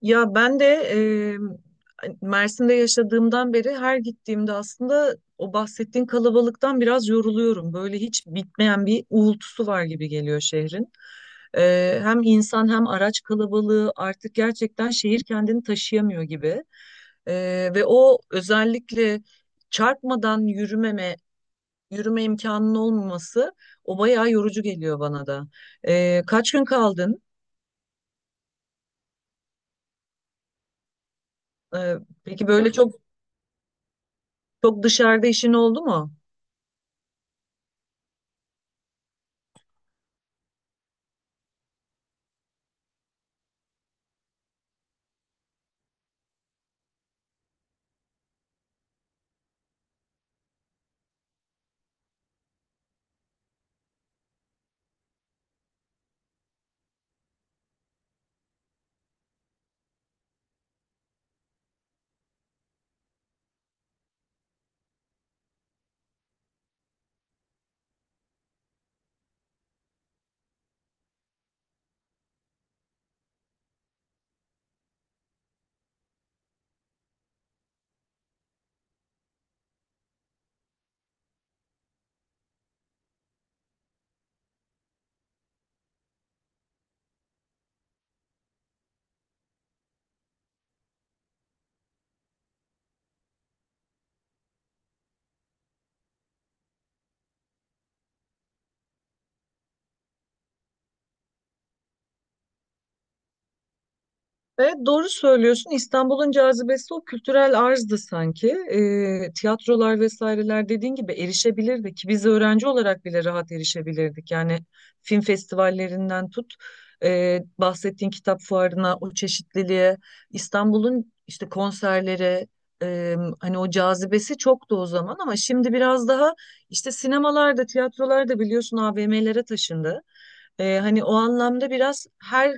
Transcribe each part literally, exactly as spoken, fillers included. Ya ben de e, Mersin'de yaşadığımdan beri her gittiğimde aslında o bahsettiğin kalabalıktan biraz yoruluyorum. Böyle hiç bitmeyen bir uğultusu var gibi geliyor şehrin. E, hem insan hem araç kalabalığı artık gerçekten şehir kendini taşıyamıyor gibi. E, Ve o özellikle çarpmadan yürümeme, yürüme imkanının olmaması o bayağı yorucu geliyor bana da. E, kaç gün kaldın? E, peki böyle çok Çok dışarıda işin oldu mu? Evet, doğru söylüyorsun. İstanbul'un cazibesi o kültürel arzdı sanki. Ee, tiyatrolar vesaireler dediğin gibi erişebilirdi ki biz öğrenci olarak bile rahat erişebilirdik. Yani film festivallerinden tut e, bahsettiğin kitap fuarına, o çeşitliliğe, İstanbul'un işte konserlere, e, hani o cazibesi çoktu o zaman, ama şimdi biraz daha işte sinemalarda, tiyatrolarda biliyorsun A V M'lere taşındı. Ee, hani o anlamda biraz her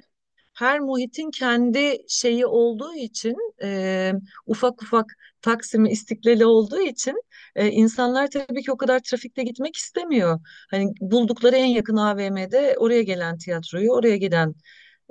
her muhitin kendi şeyi olduğu için, e, ufak ufak Taksim'i, İstiklal'i olduğu için, e, insanlar tabii ki o kadar trafikte gitmek istemiyor. Hani buldukları en yakın A V M'de oraya gelen tiyatroyu, oraya giden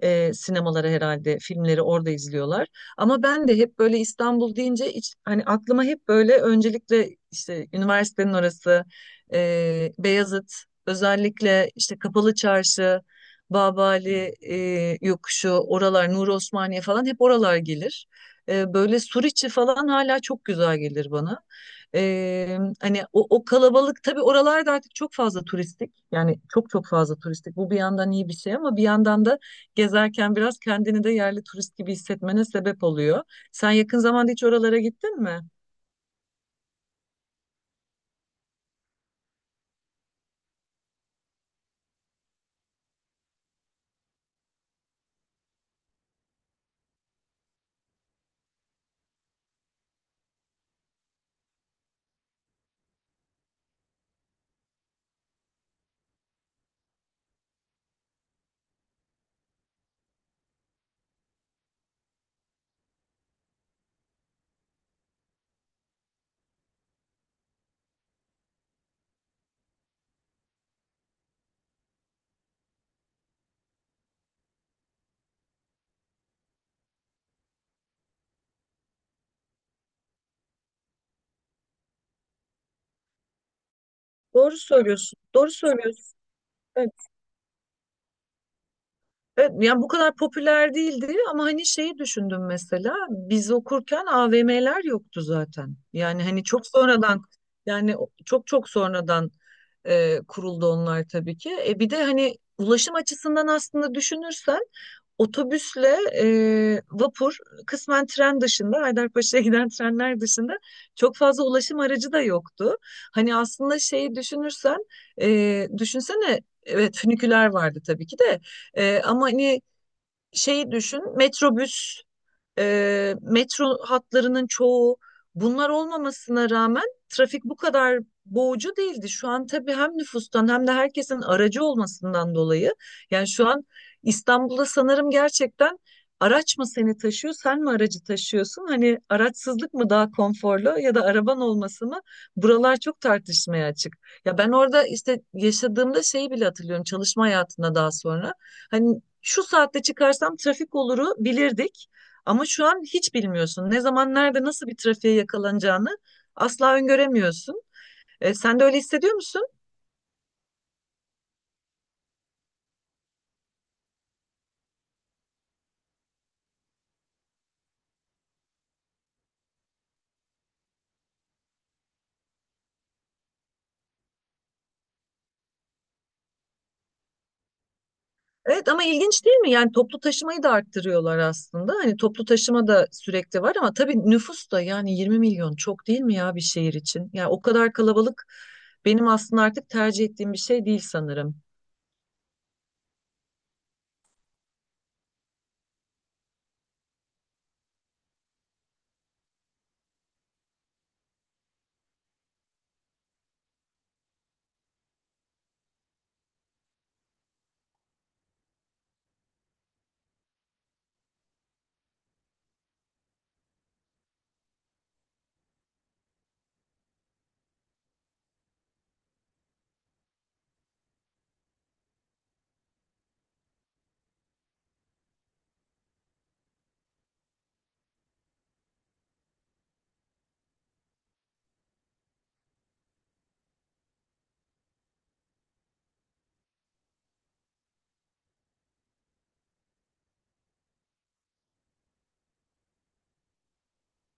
e, sinemalara herhalde filmleri orada izliyorlar. Ama ben de hep böyle İstanbul deyince hiç, hani aklıma hep böyle öncelikle işte üniversitenin orası, e, Beyazıt, özellikle işte Kapalı Çarşı, Babali e, yokuşu, oralar, Nuri Osmaniye falan hep oralar gelir. E, böyle Suriçi falan hala çok güzel gelir bana. Ee, hani o, o kalabalık tabii oralarda artık çok fazla turistik, yani çok çok fazla turistik. Bu bir yandan iyi bir şey ama bir yandan da gezerken biraz kendini de yerli turist gibi hissetmene sebep oluyor. Sen yakın zamanda hiç oralara gittin mi? Doğru söylüyorsun. Doğru söylüyorsun. Evet, yani bu kadar popüler değildi, ama hani şeyi düşündüm mesela biz okurken A V M'ler yoktu zaten. Yani hani çok sonradan, yani çok çok sonradan e, kuruldu onlar tabii ki. E, bir de hani ulaşım açısından aslında düşünürsen otobüsle, e, vapur, kısmen tren dışında, Haydarpaşa'ya giden trenler dışında çok fazla ulaşım aracı da yoktu. Hani aslında şeyi düşünürsen, e, düşünsene evet, füniküler vardı tabii ki de. Ee, ama hani şeyi düşün, metrobüs, ee, metro hatlarının çoğu bunlar olmamasına rağmen trafik bu kadar boğucu değildi. Şu an tabii hem nüfustan hem de herkesin aracı olmasından dolayı, yani şu an İstanbul'da sanırım gerçekten araç mı seni taşıyor, sen mi aracı taşıyorsun? Hani araçsızlık mı daha konforlu ya da araban olması mı? Buralar çok tartışmaya açık. Ya ben orada işte yaşadığımda şeyi bile hatırlıyorum, çalışma hayatında daha sonra. Hani şu saatte çıkarsam trafik oluru bilirdik. Ama şu an hiç bilmiyorsun. Ne zaman, nerede, nasıl bir trafiğe yakalanacağını asla öngöremiyorsun. E, sen de öyle hissediyor musun? Evet, ama ilginç değil mi? Yani toplu taşımayı da arttırıyorlar aslında. Hani toplu taşıma da sürekli var, ama tabii nüfus da, yani yirmi milyon çok değil mi ya bir şehir için? Yani o kadar kalabalık benim aslında artık tercih ettiğim bir şey değil sanırım.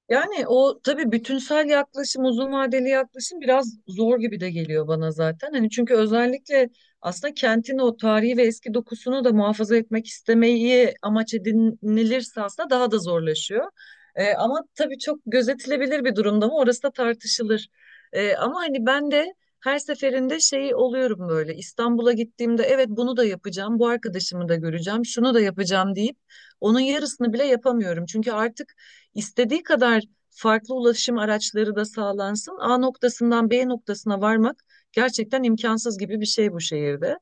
Yani o tabii bütünsel yaklaşım, uzun vadeli yaklaşım biraz zor gibi de geliyor bana zaten. Hani çünkü özellikle aslında kentin o tarihi ve eski dokusunu da muhafaza etmek istemeyi amaç edinilirse aslında daha da zorlaşıyor. Ee, ama tabii çok gözetilebilir bir durumda mı orası da tartışılır. Ee, ama hani ben de her seferinde şey oluyorum, böyle İstanbul'a gittiğimde, evet bunu da yapacağım, bu arkadaşımı da göreceğim, şunu da yapacağım deyip onun yarısını bile yapamıyorum. Çünkü artık İstediği kadar farklı ulaşım araçları da sağlansın, A noktasından B noktasına varmak gerçekten imkansız gibi bir şey bu şehirde.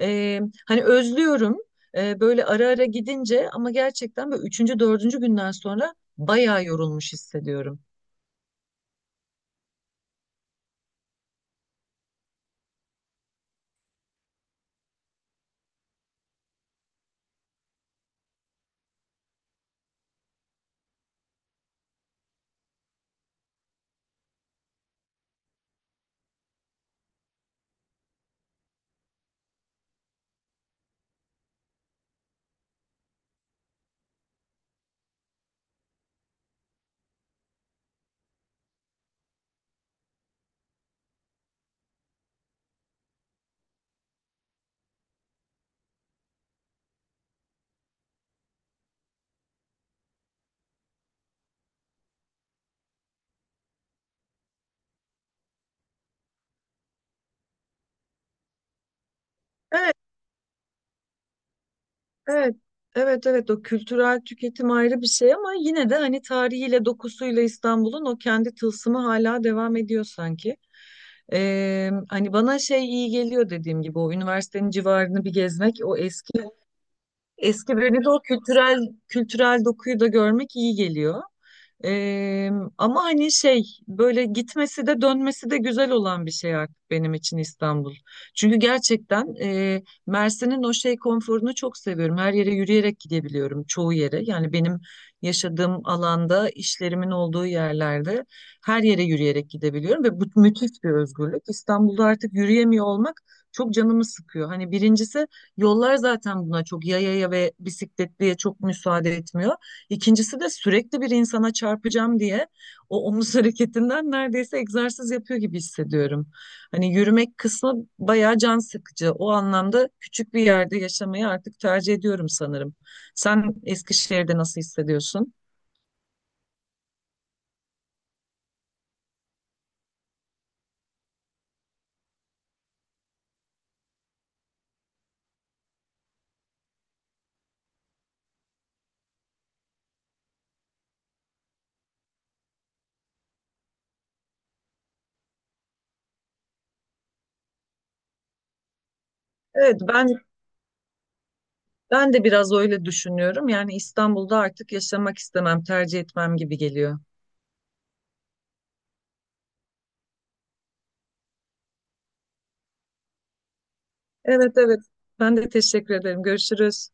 Ee, Hani özlüyorum, e, böyle ara ara gidince, ama gerçekten böyle üçüncü, dördüncü günden sonra bayağı yorulmuş hissediyorum. Evet. Evet, evet, evet, o kültürel tüketim ayrı bir şey, ama yine de hani tarihiyle, dokusuyla İstanbul'un o kendi tılsımı hala devam ediyor sanki. Ee, hani bana şey iyi geliyor, dediğim gibi o üniversitenin civarını bir gezmek, o eski eski böyle de o kültürel kültürel dokuyu da görmek iyi geliyor. Eee, Ama hani şey, böyle gitmesi de dönmesi de güzel olan bir şey artık benim için İstanbul. Çünkü gerçekten eee, Mersin'in o şey konforunu çok seviyorum. Her yere yürüyerek gidebiliyorum çoğu yere. Yani benim yaşadığım alanda, işlerimin olduğu yerlerde her yere yürüyerek gidebiliyorum ve bu müthiş bir özgürlük. İstanbul'da artık yürüyemiyor olmak çok canımı sıkıyor. Hani birincisi, yollar zaten buna, çok yayaya ve bisikletliye çok müsaade etmiyor. İkincisi de sürekli bir insana çarpacağım diye o omuz hareketinden neredeyse egzersiz yapıyor gibi hissediyorum. Hani yürümek kısmı bayağı can sıkıcı. O anlamda küçük bir yerde yaşamayı artık tercih ediyorum sanırım. Sen Eskişehir'de nasıl hissediyorsun? Evet, ben ben de biraz öyle düşünüyorum. Yani İstanbul'da artık yaşamak istemem, tercih etmem gibi geliyor. Evet, evet. Ben de teşekkür ederim. Görüşürüz.